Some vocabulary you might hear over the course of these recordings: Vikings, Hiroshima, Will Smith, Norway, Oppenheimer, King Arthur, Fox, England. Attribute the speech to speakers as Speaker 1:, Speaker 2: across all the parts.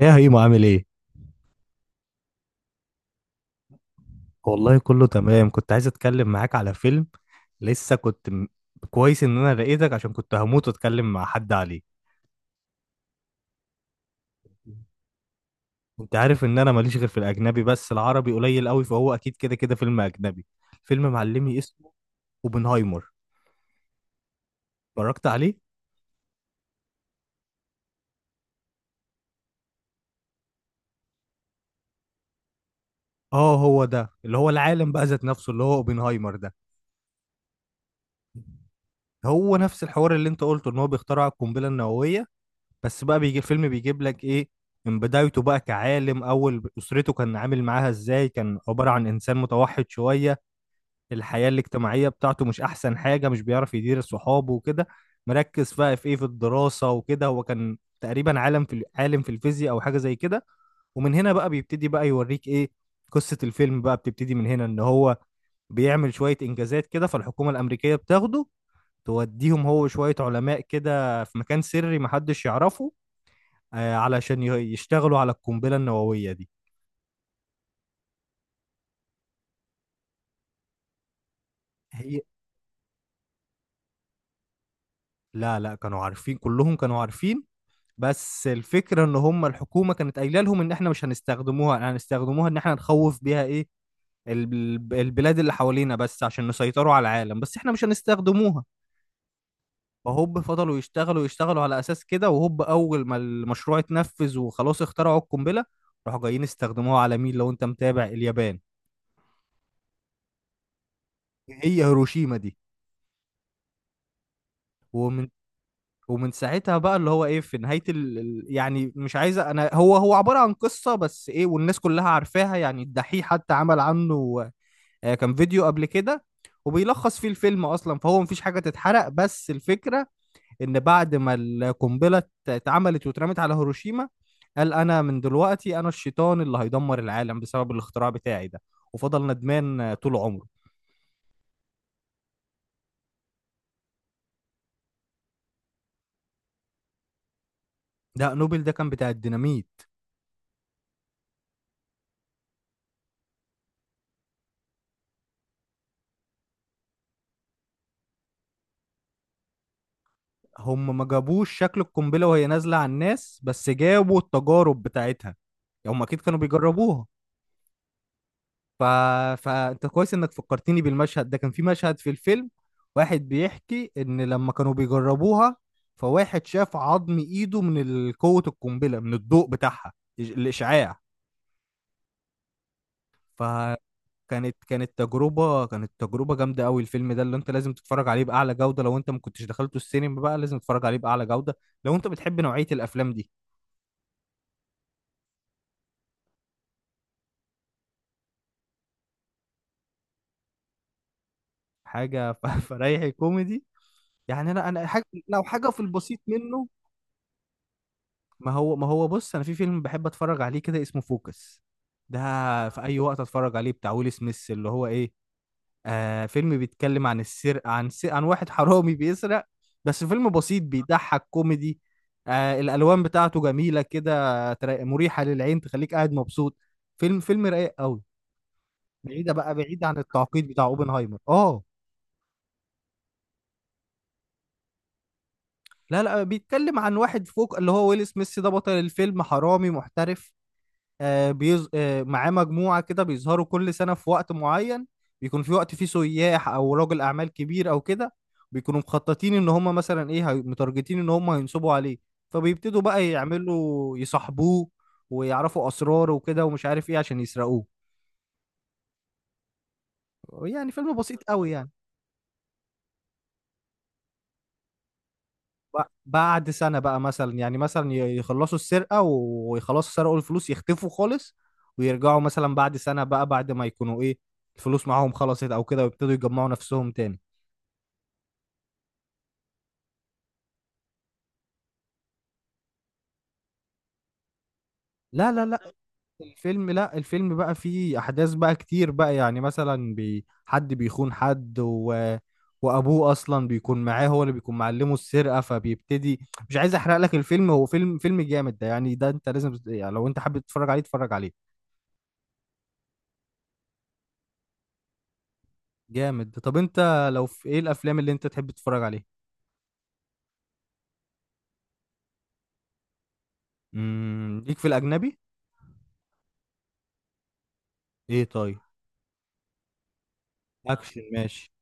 Speaker 1: ايه يا هيمو، عامل ايه؟ والله كله تمام، كنت عايز اتكلم معاك على فيلم. لسه كنت م... كويس ان انا لقيتك عشان كنت هموت واتكلم مع حد عليه. انت عارف ان انا ماليش غير في الاجنبي، بس العربي قليل قوي، فهو اكيد كده كده فيلم اجنبي. فيلم معلمي، اسمه اوبنهايمر. اتفرجت عليه؟ اه، هو ده اللي هو العالم بقى ذات نفسه اللي هو اوبنهايمر ده. هو نفس الحوار اللي انت قلته ان هو بيخترع القنبلة النووية، بس بقى بيجي الفيلم بيجيب لك ايه من بدايته بقى كعالم، اول اسرته كان عامل معاها ازاي، كان عبارة عن انسان متوحد شوية. الحياة الاجتماعية بتاعته مش احسن حاجة، مش بيعرف يدير صحابه وكده. مركز بقى في ايه، في الدراسة وكده. هو كان تقريبا عالم في الفيزياء او حاجة زي كده، ومن هنا بقى بيبتدي بقى يوريك ايه. قصة الفيلم بقى بتبتدي من هنا، ان هو بيعمل شوية انجازات كده، فالحكومة الامريكية بتاخده، توديهم هو شوية علماء كده في مكان سري محدش يعرفه، علشان يشتغلوا على القنبلة النووية دي. هي. لا لا، كانوا عارفين، كلهم كانوا عارفين. بس الفكرة ان هم الحكومة كانت قايلة لهم ان احنا مش هنستخدموها، ان احنا نخوف بيها ايه البلاد اللي حوالينا، بس عشان نسيطروا على العالم، بس احنا مش هنستخدموها. فهوب فضلوا يشتغلوا على اساس كده، وهوب اول ما المشروع اتنفذ وخلاص اخترعوا القنبلة، راحوا جايين استخدموها على مين، لو انت متابع؟ اليابان. هي. هيروشيما دي. ومن ومن ساعتها بقى اللي هو ايه، في نهاية يعني مش عايزة انا، هو عبارة عن قصة، بس ايه، والناس كلها عارفاها. يعني الدحيح حتى عمل عنه كان فيديو قبل كده وبيلخص فيه الفيلم اصلا، فهو مفيش حاجة تتحرق. بس الفكرة ان بعد ما القنبلة اتعملت واترمت على هيروشيما، قال انا من دلوقتي انا الشيطان اللي هيدمر العالم بسبب الاختراع بتاعي ده، وفضل ندمان طول عمره. ده نوبل ده كان بتاع الديناميت. هم ما جابوش شكل القنبلة وهي نازلة على الناس، بس جابوا التجارب بتاعتها، هم أكيد كانوا بيجربوها. ف... فأنت كويس إنك فكرتني بالمشهد ده. كان في مشهد في الفيلم، واحد بيحكي إن لما كانوا بيجربوها، فواحد شاف عظم إيده من قوة القنبلة، من الضوء بتاعها، الإشعاع. فكانت كانت تجربة جامدة قوي. الفيلم ده اللي أنت لازم تتفرج عليه بأعلى جودة. لو أنت ما كنتش دخلته السينما بقى، لازم تتفرج عليه بأعلى جودة لو أنت بتحب نوعية الأفلام دي. حاجه فريحي كوميدي، يعني انا. حاجه، لو حاجه في البسيط منه. ما هو بص، انا في فيلم بحب اتفرج عليه كده، اسمه فوكس ده، في اي وقت اتفرج عليه. بتاع ويل سميث اللي هو ايه، فيلم بيتكلم عن السرقه، عن واحد حرامي بيسرق. بس فيلم بسيط بيضحك، كوميدي. الالوان بتاعته جميله كده، مريحه للعين، تخليك قاعد مبسوط. فيلم رايق قوي، بعيد عن التعقيد بتاع اوبنهايمر، اه. لا لا، بيتكلم عن واحد فوق اللي هو ويل سميث ده، بطل الفيلم، حرامي محترف. آه بيز... آه معاه مجموعة كده، بيظهروا كل سنة في وقت معين، بيكون في وقت فيه سياح أو رجل أعمال كبير أو كده. بيكونوا مخططين إن هما مثلا متارجتين إن هما هينصبوا عليه، فبيبتدوا بقى يعملوا يصاحبوه ويعرفوا أسراره وكده ومش عارف إيه عشان يسرقوه. يعني فيلم بسيط قوي، يعني بعد سنة بقى مثلا، يعني مثلا يخلصوا السرقة سرقوا الفلوس، يختفوا خالص، ويرجعوا مثلا بعد سنة بقى بعد ما يكونوا ايه، الفلوس معاهم خلصت او كده، ويبتدوا يجمعوا نفسهم تاني. لا لا لا. الفيلم، لا، الفيلم بقى فيه احداث بقى كتير بقى، يعني مثلا حد بيخون حد وابوه اصلا بيكون معاه، هو اللي بيكون معلمه السرقة فبيبتدي. مش عايز احرق لك الفيلم، هو فيلم جامد ده، يعني ده انت لازم يعني لو انت حابب تتفرج عليه اتفرج عليه. جامد. طب انت لو في ايه الافلام اللي انت تحب تتفرج عليها؟ ليك في الاجنبي. ايه، طيب. اكشن، ماشي.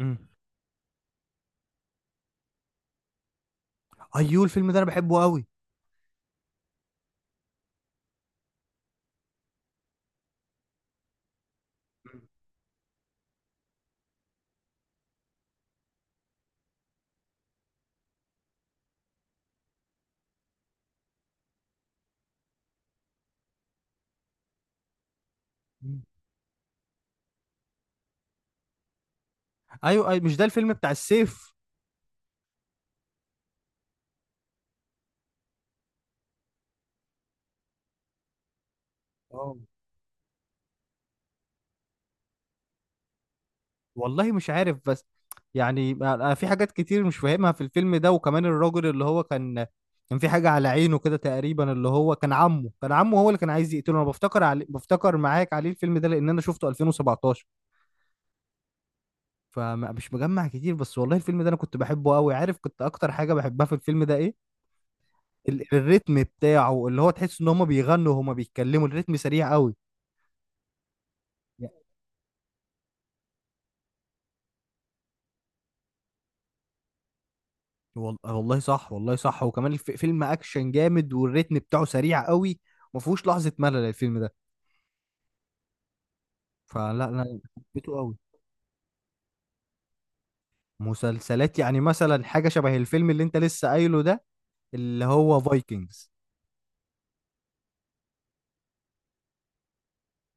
Speaker 1: امم ايوه، الفيلم ده انا بحبه قوي. مم. ايوه ايوه، مش ده الفيلم بتاع السيف؟ اه. والله مش عارف، بس يعني انا في حاجات كتير مش فاهمها في الفيلم ده، وكمان الراجل اللي هو كان في حاجة على عينه كده تقريبا، اللي هو كان عمه، كان عمه هو اللي كان عايز يقتله. انا بفتكر معاك عليه الفيلم ده، لان انا شفته 2017، فمش مجمع كتير. بس والله الفيلم ده انا كنت بحبه قوي. عارف كنت اكتر حاجه بحبها في الفيلم ده ايه؟ الريتم بتاعه، اللي هو تحس ان هما بيغنوا وهما بيتكلموا، الريتم سريع قوي. والله صح، والله صح، وكمان فيلم اكشن جامد، والريتم بتاعه سريع قوي، ما فيهوش لحظه ملل الفيلم ده. فلا لا، حبيته قوي. مسلسلات يعني مثلا حاجه شبه الفيلم اللي انت لسه قايله ده، اللي هو فايكنجز.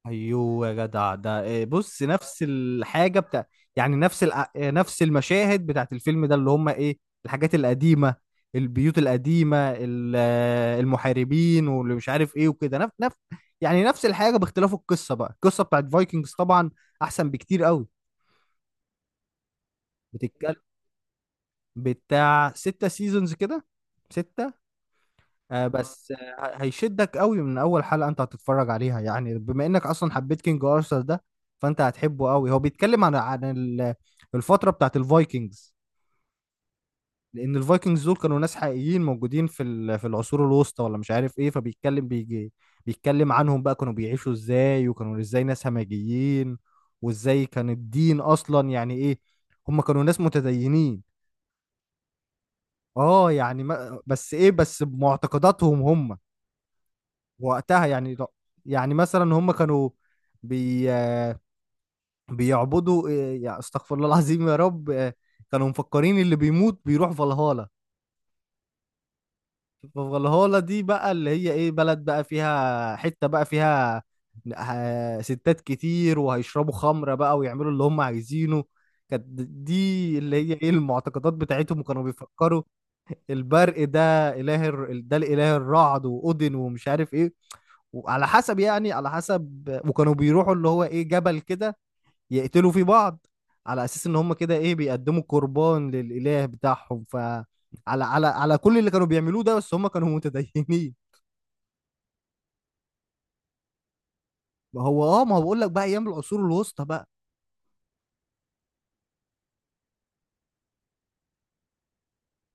Speaker 1: ايوه يا جدع ده. بص، نفس الحاجه بتاع، يعني نفس الع- إيه، نفس المشاهد بتاعت الفيلم ده، اللي هم ايه الحاجات القديمه، البيوت القديمه، المحاربين واللي مش عارف ايه وكده، نفس نفس، يعني نفس الحاجه، باختلاف القصه بقى، القصه بتاعت فايكنجز طبعا احسن بكتير قوي. بتتكلم. بتاع 6 سيزونز كده. 6. بس هيشدك قوي من اول حلقة انت هتتفرج عليها، يعني بما انك اصلا حبيت كينج ارثر ده، فانت هتحبه قوي. هو بيتكلم عن الفترة بتاعت الفايكنجز، لان الفايكنجز دول كانوا ناس حقيقيين موجودين في العصور الوسطى ولا مش عارف ايه، بيجي بيتكلم عنهم بقى، كانوا بيعيشوا ازاي، وكانوا ازاي ناس همجيين، وازاي كان الدين اصلا يعني ايه. هم كانوا ناس متدينين، اه، يعني ما بس ايه، بمعتقداتهم هم وقتها. يعني يعني مثلا هم كانوا بي بيعبدوا يعني استغفر الله العظيم يا رب. كانوا مفكرين اللي بيموت بيروح فالهالا. فالهالا دي بقى اللي هي ايه، بلد بقى، فيها حتة بقى، فيها ستات كتير وهيشربوا خمرة بقى ويعملوا اللي هم عايزينه. كانت دي اللي هي ايه المعتقدات بتاعتهم. وكانوا بيفكروا البرق ده، ده الاله الرعد، واودن، ومش عارف ايه، وعلى حسب، يعني على حسب وكانوا بيروحوا اللي هو ايه جبل كده، يقتلوا فيه بعض، على اساس ان هم كده ايه بيقدموا قربان للاله بتاعهم، على كل اللي كانوا بيعملوه ده، بس هم كانوا متدينين. ما هو اه، ما هو بقول لك بقى ايام العصور الوسطى بقى.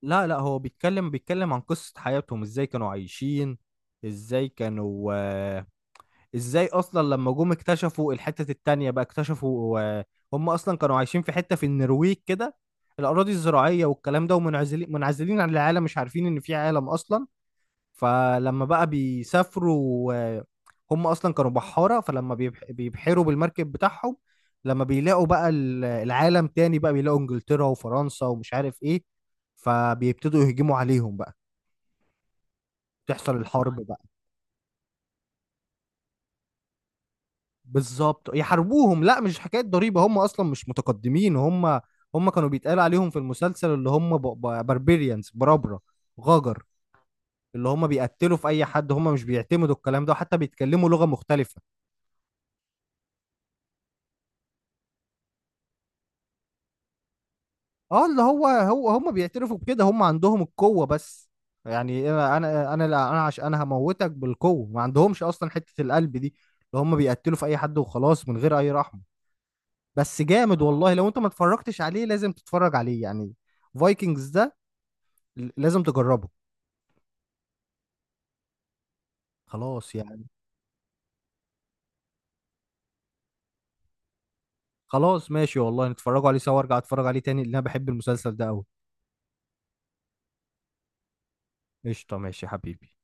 Speaker 1: لا لا، هو بيتكلم، عن قصة حياتهم، ازاي كانوا عايشين، ازاي كانوا، ازاي اصلا لما جم اكتشفوا الحتة التانية بقى، اكتشفوا هم اصلا كانوا عايشين في حتة في النرويج كده، الاراضي الزراعية والكلام ده، ومنعزلين عن العالم، مش عارفين ان في عالم اصلا. فلما بقى بيسافروا، هم اصلا كانوا بحارة، فلما بيبحروا بالمركب بتاعهم، لما بيلاقوا بقى العالم تاني بقى، بيلاقوا انجلترا وفرنسا ومش عارف ايه، فبيبتدوا يهجموا عليهم بقى، تحصل الحرب بقى. بالظبط يحاربوهم. لا مش حكايه ضريبه، هم اصلا مش متقدمين. هم، هم كانوا بيتقال عليهم في المسلسل اللي هم باربيريانز، برابره، غجر، اللي هم بيقتلوا في اي حد، هم مش بيعتمدوا الكلام ده، حتى بيتكلموا لغه مختلفه. اه، اللي هو هم بيعترفوا بكده، هم عندهم القوه بس. يعني انا، انا، لا، انا عشان انا هموتك بالقوه، ما عندهمش اصلا حته القلب دي، اللي هم بيقتلوا في اي حد وخلاص من غير اي رحمه. بس جامد والله، لو انت ما اتفرجتش عليه لازم تتفرج عليه، يعني فايكنجز ده لازم تجربه. خلاص يعني. خلاص ماشي، والله نتفرجوا عليه سوا، ارجع اتفرج عليه تاني، لان انا بحب المسلسل ده قوي. قشطه ماشي يا حبيبي.